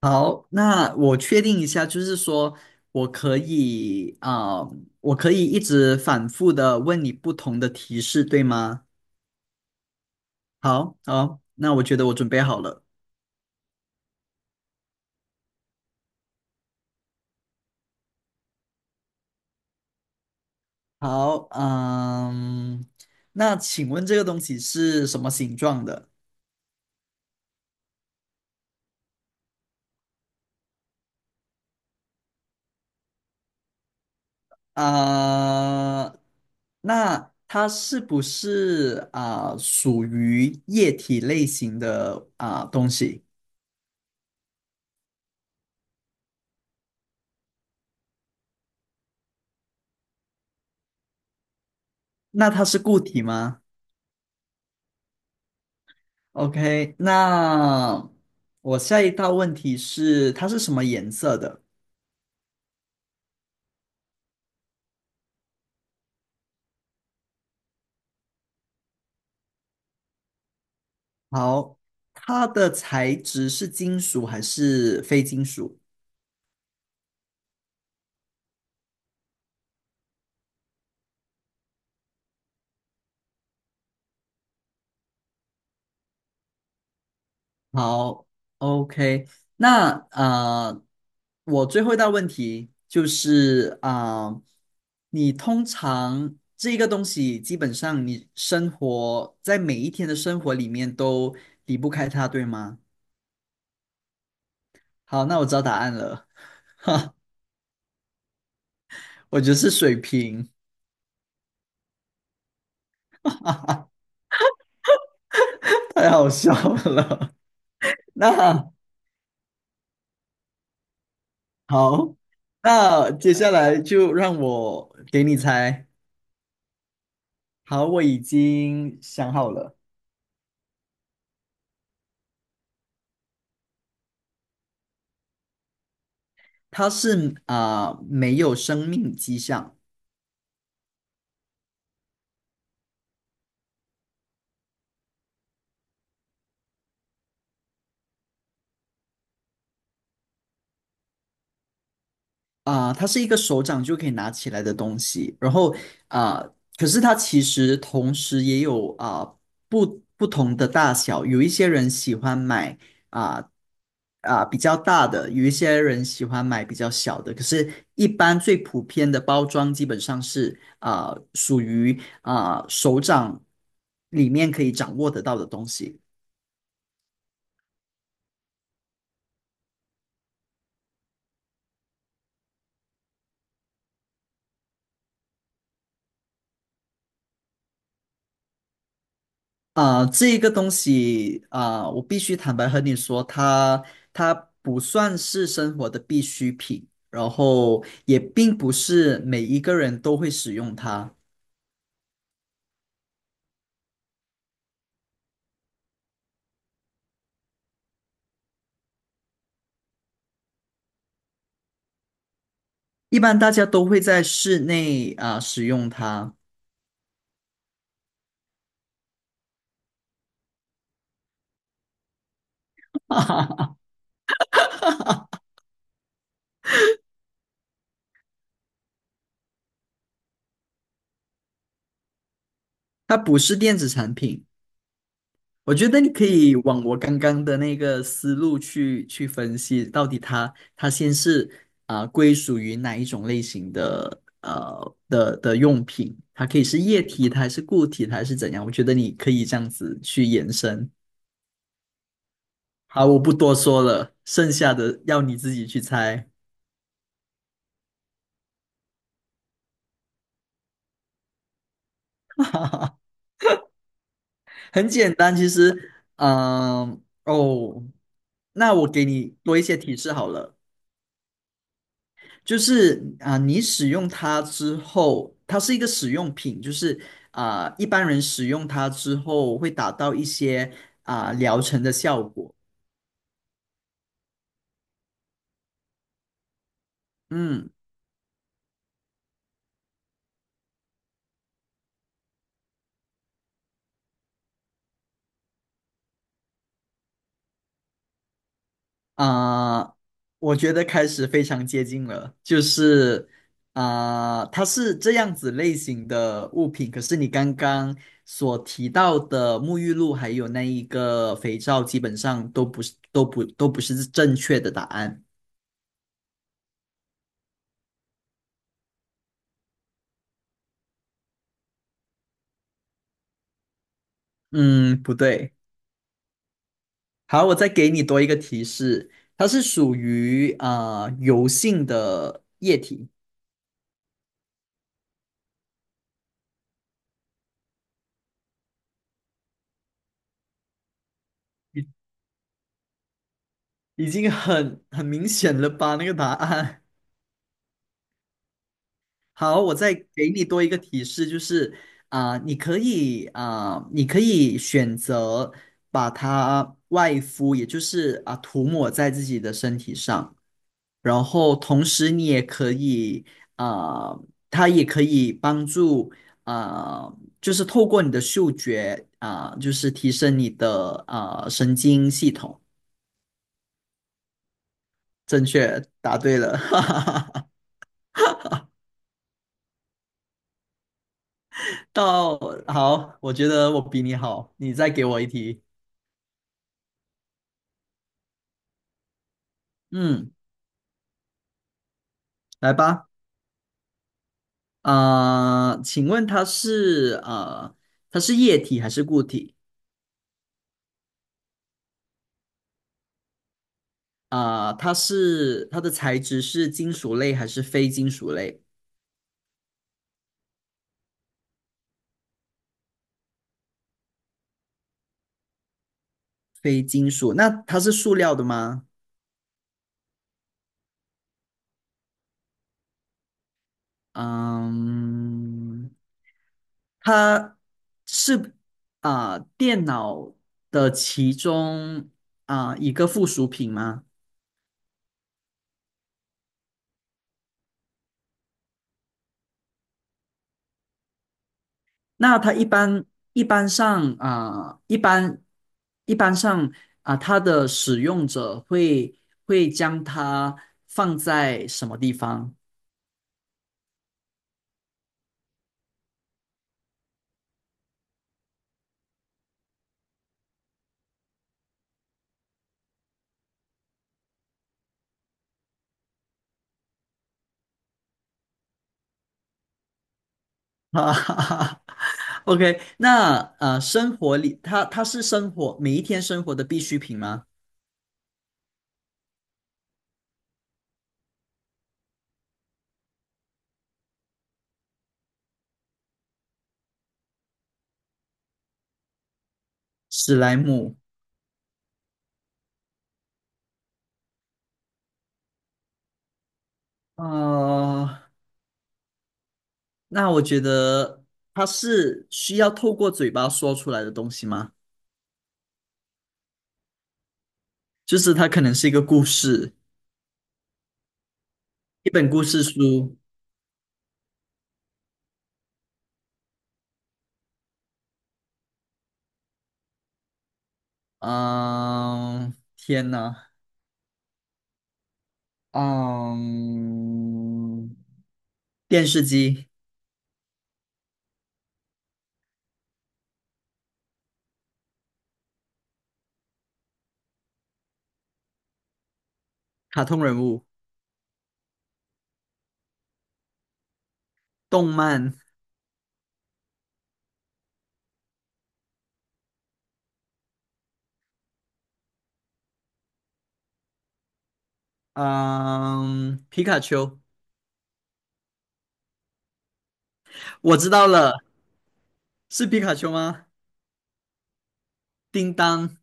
好，那我确定一下，就是说我可以啊、我可以一直反复的问你不同的提示，对吗？好，好，那我觉得我准备好了。好，那请问这个东西是什么形状的？啊、那它是不是属于液体类型的东西？那它是固体吗？OK，那我下一道问题是，它是什么颜色的？好，它的材质是金属还是非金属？好，OK，那我最后一道问题就是你通常这一个东西基本上你生活在每一天的生活里面都离不开它，对吗？好，那我知道答案了，哈，我觉得是水瓶。太好笑了。那好，那接下来就让我给你猜。好，我已经想好了，它是没有生命迹象，它是一个手掌就可以拿起来的东西，然后啊、可是它其实同时也有不不同的大小，有一些人喜欢买啊比较大的，有一些人喜欢买比较小的，可是一般最普遍的包装基本上是属于手掌里面可以掌握得到的东西。这个东西我必须坦白和你说，它不算是生活的必需品，然后也并不是每一个人都会使用它，一般大家都会在室内使用它，它不是电子产品。我觉得你可以往我刚刚的那个思路去分析，到底它先是归属于哪一种类型的的用品，它可以是液体，它还是固体，它还是怎样？我觉得你可以这样子去延伸。好，我不多说了，剩下的要你自己去猜，很简单，其实，嗯、哦，那我给你多一些提示好了。就是你使用它之后，它是一个使用品，就是一般人使用它之后会达到一些疗程的效果。嗯啊、我觉得开始非常接近了，就是它是这样子类型的物品，可是你刚刚所提到的沐浴露还有那一个肥皂，基本上都不是正确的答案。嗯，不对。好，我再给你多一个提示，它是属于油性的液体，已已经很明显了吧？那个答案。好，我再给你多一个提示，就是你可以选择把它外敷，也就是涂抹在自己的身体上。然后同时你也可以啊、呃，它也可以帮助啊、就是透过你的嗅觉，就是提升你的神经系统。正确，答对了，哈哈哈。到，好，我觉得我比你好，你再给我一题。嗯，来吧。请问它是液体还是固体？它的材质是金属类还是非金属类？非金属，那它是塑料的吗？嗯，它是电脑的其中一个附属品吗？那它一般上啊、一般一般上，它的使用者会将它放在什么地方？哈哈哈 OK，那生活里它是生活每一天生活的必需品吗？史莱姆。啊、呃那我觉得它是需要透过嘴巴说出来的东西吗？就是它可能是一个故事，一本故事书。嗯、天呐，嗯、电视机、卡通人物、动漫，嗯、皮卡丘，我知道了，是皮卡丘吗？叮当，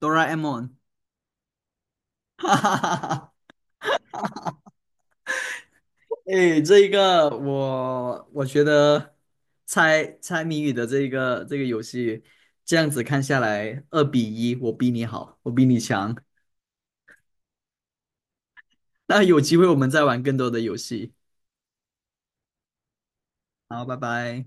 哆啦 A 梦，哈哈哈哈。哎，这一个我觉得猜猜谜语的这个游戏，这样子看下来，2-1，我比你好，我比你强。那有机会我们再玩更多的游戏。好，拜拜。